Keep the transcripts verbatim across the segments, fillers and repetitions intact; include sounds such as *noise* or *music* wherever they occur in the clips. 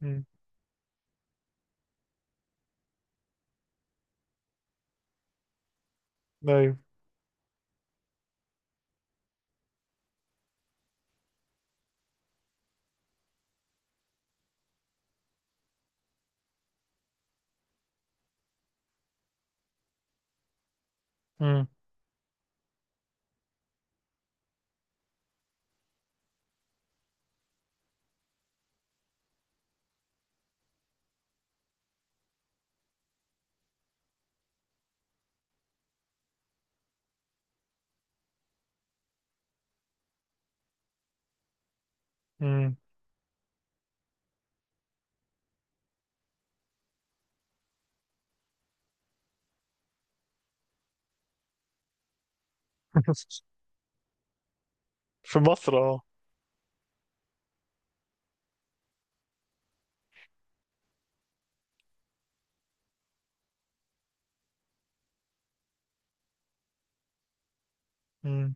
مم. ايوه. مم. مم. *laughs* في مصر اه. مم.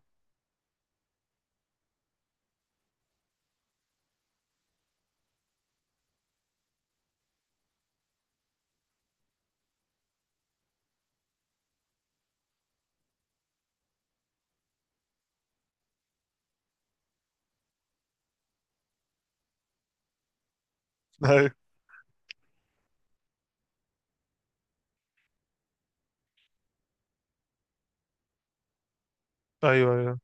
ايوه ايوه ايوه.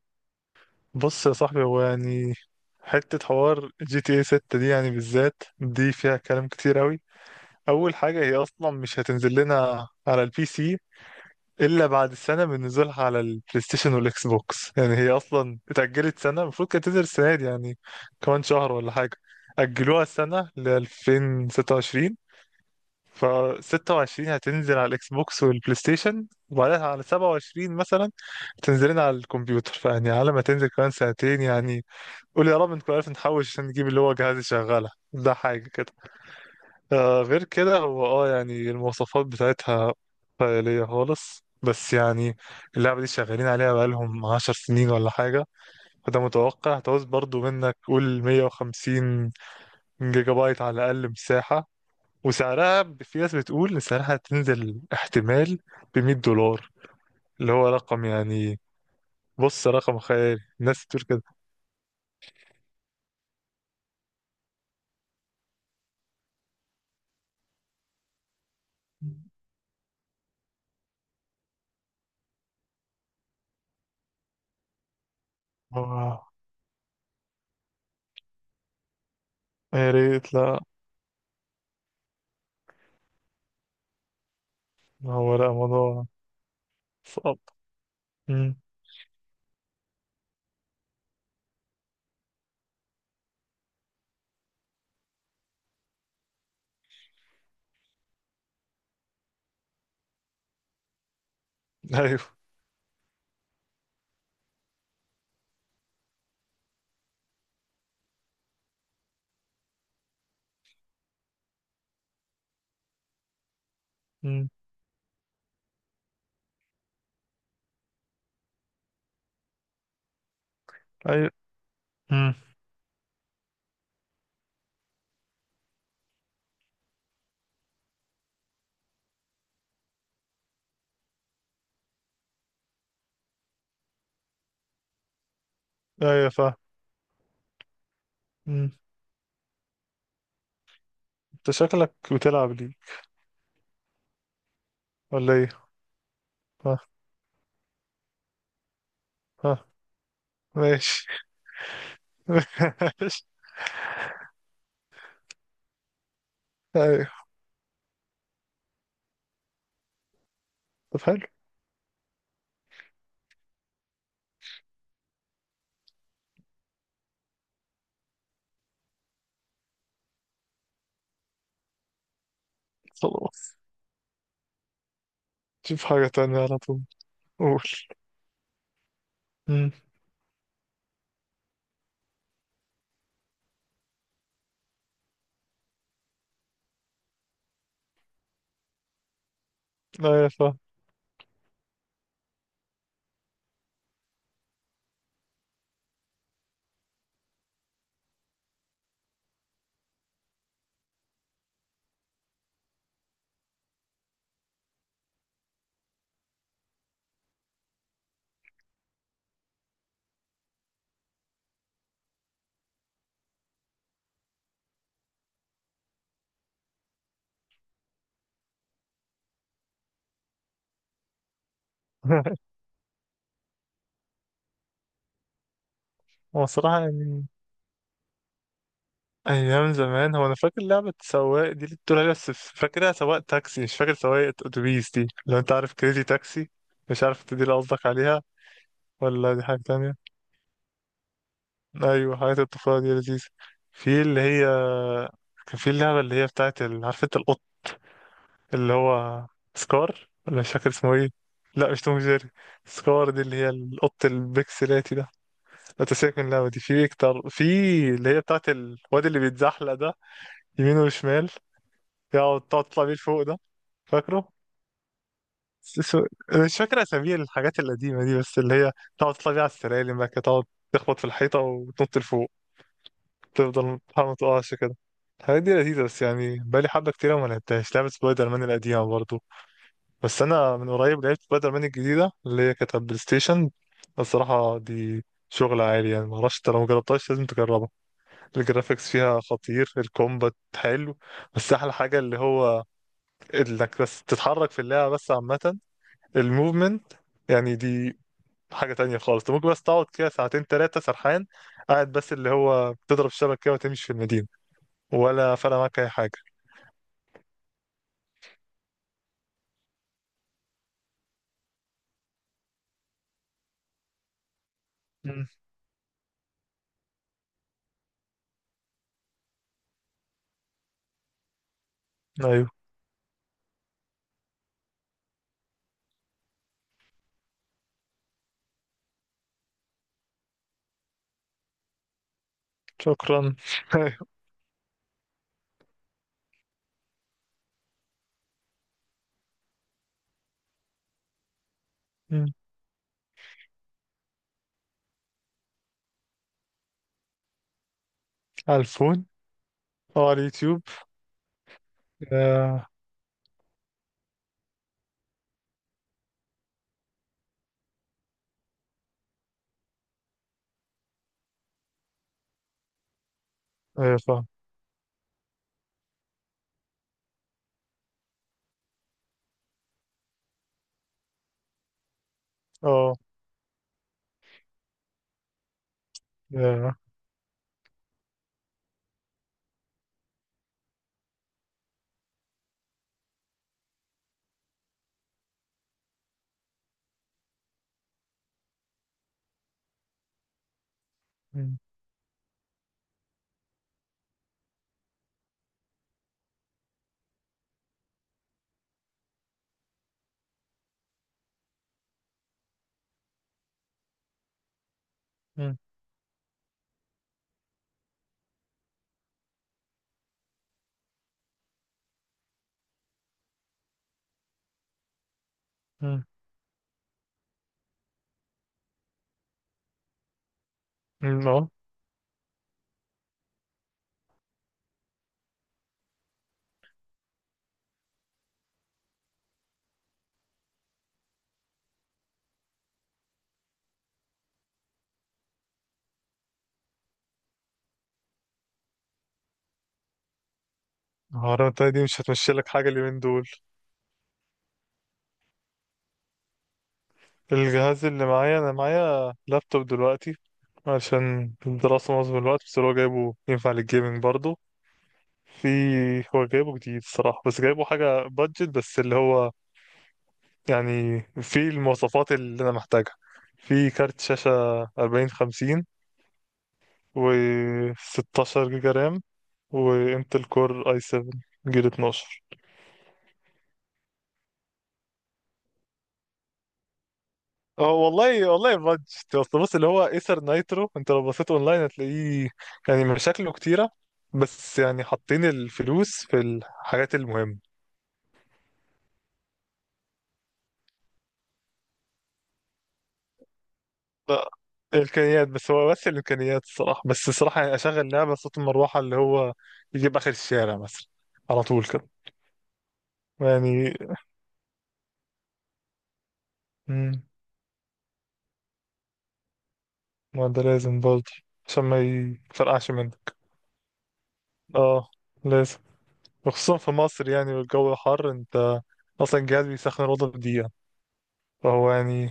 بص يا صاحبي، هو يعني حتة حوار جي تي اي ستة دي يعني بالذات دي فيها كلام كتير أوي. أول حاجة، هي أصلا مش هتنزل لنا على البي سي إلا بعد سنة من نزولها على البلاي ستيشن والإكس بوكس، يعني هي أصلا اتأجلت سنة، المفروض كانت تنزل السنة دي يعني كمان شهر ولا حاجة. أجلوها سنة ل ألفين وستة وعشرين، ف ستة وعشرين هتنزل على الاكس بوكس والبلاي ستيشن، وبعدها على سبعة وعشرين مثلا تنزلين على الكمبيوتر، فيعني على ما تنزل كمان سنتين يعني. قول يا رب نكون عارف نحوش عشان نجيب اللي هو جهاز يشغلها، ده حاجة كده. آه غير كده، هو اه يعني المواصفات بتاعتها خيالية خالص، بس يعني اللعبة دي شغالين عليها بقالهم عشر سنين ولا حاجة، فده متوقع. هتعوز برضو منك قول مية وخمسين جيجا بايت على الأقل مساحة. وسعرها ب- في ناس بتقول ان سعرها هتنزل احتمال ب مية دولار، اللي هو رقم يعني. بص، رقم خيالي، الناس بتقول كده. آه، يا ريت لا. هو لا، موضوع صعب. مم. *laughs* ايوه. مم. ايوه. مم. ايوه فاهم. مم. انت شكلك بتلعب ليه ولا ايه؟ ها. ها. ماشي. *laughs* ماشي. ايوه. طب حلو. خلاص، شوف حاجة تانية على طول. قول. مم. ايوه فاهم. *laughs* هو صراحة يعني ايام زمان، هو انا فاكر لعبه سواق دي اللي بتقول عليها، بس فاكرها سواق تاكسي، مش فاكر سواق اتوبيس دي. لو انت عارف كريزي تاكسي، مش عارف انت دي اللي قصدك عليها ولا دي حاجه تانية؟ ايوه، حاجات الطفوله دي لذيذه. في اللي هي كان في اللعبه اللي هي بتاعت ال... عارف انت القط اللي هو سكار، ولا مش فاكر اسمه ايه. لا مش توم جيري، سكار دي اللي هي القط البكسلاتي ده. لا تسيبك من اللعبه دي، في اكتر، في اللي هي بتاعت الواد اللي بيتزحلق ده يمين وشمال، تقعد تقعد تطلع بيه لفوق ده. فاكره؟ س- س- أنا مش فاكر أسامي الحاجات القديمة دي، بس اللي هي تقعد تطلع بيه على السلالم بقى كده، تقعد تخبط في الحيطة وتنط لفوق، تفضل تحاول ما تقعش كده. الحاجات دي لذيذة، بس يعني بقالي حبة كتيرة وما لعبتهاش. لعبة سبايدر مان القديمة برضه، بس أنا من قريب لعبت سبايدر مان الجديدة اللي هي كانت على البلاي ستيشن. الصراحة دي شغل عالي يعني، معرفش انت لو مجربتهاش لازم تجربها. الجرافيكس فيها خطير، الكومبات حلو، بس أحلى حاجة اللي هو انك بس تتحرك في اللعبة بس. عامة الموفمنت يعني دي حاجة تانية خالص، انت ممكن بس تقعد كده ساعتين تلاتة سرحان، قاعد بس اللي هو بتضرب الشبكة كده وتمشي في المدينة، ولا فرق معاك أي حاجة. مم. أيوه. شكرا. *laughs* أيوه. مم. على الفون أو على اليوتيوب. آه، أيوه فاهم. أه. ياه. مم. مم. مم. مم. أه. العربية التانية دي مش هتمشي لك حاجة اليومين دول. الجهاز اللي معايا، انا معايا لابتوب دلوقتي عشان الدراسة معظم الوقت، بس هو جايبه ينفع للجيمنج برضه. في، هو جايبه جديد الصراحة، بس جايبه حاجة بادجت، بس اللي هو يعني في المواصفات اللي أنا محتاجها. في كارت شاشة أربعين خمسين، و ستة عشر جيجا رام، وانتل كور اي سبعة جيل اتناشر. هو والله والله بادجت، اصل بص اللي هو ايسر نايترو، انت لو بصيت اونلاين هتلاقيه يعني مشاكله كتيره، بس يعني حاطين الفلوس في الحاجات المهمه. لا، الامكانيات بس، هو بس الامكانيات الصراحه، بس الصراحه يعني اشغل لعبه صوت المروحه اللي هو يجيب اخر الشارع مثلا، على طول كده يعني. مم، ما ده لازم برضه عشان ما يفرقعش منك. اه لازم. وخصوصا في مصر يعني والجو حر، انت اصلا الجهاز بيسخن الاوضه في دقيقه. فهو يعني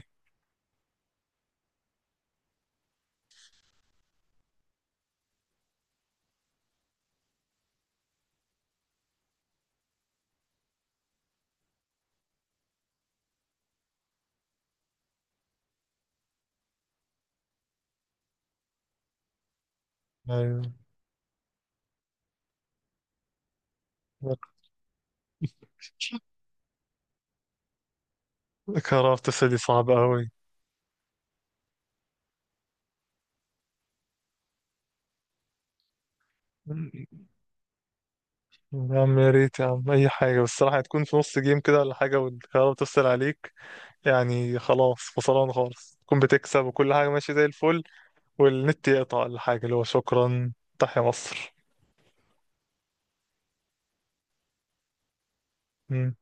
يعني كرافت، بس دي صعبة أوي. يا عم، يا ريت يا عم أي حاجة، بس الصراحة هتكون في نص جيم كده ولا حاجة والكهرباء بتفصل عليك يعني خلاص خسران خالص. تكون بتكسب وكل حاجة ماشية زي الفل، والنت يقطع ولا حاجة، اللي هو شكرا، تحيا مصر. مم.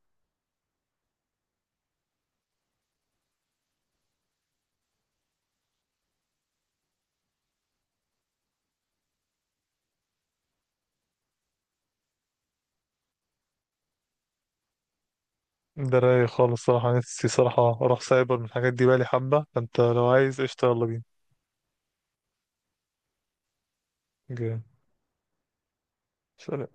ده رايق خالص صراحة، نفسي صراحة أروح سايبر، من الحاجات دي بالي حبة، فأنت لو عايز قشطة يلا بينا. جامد. سلام.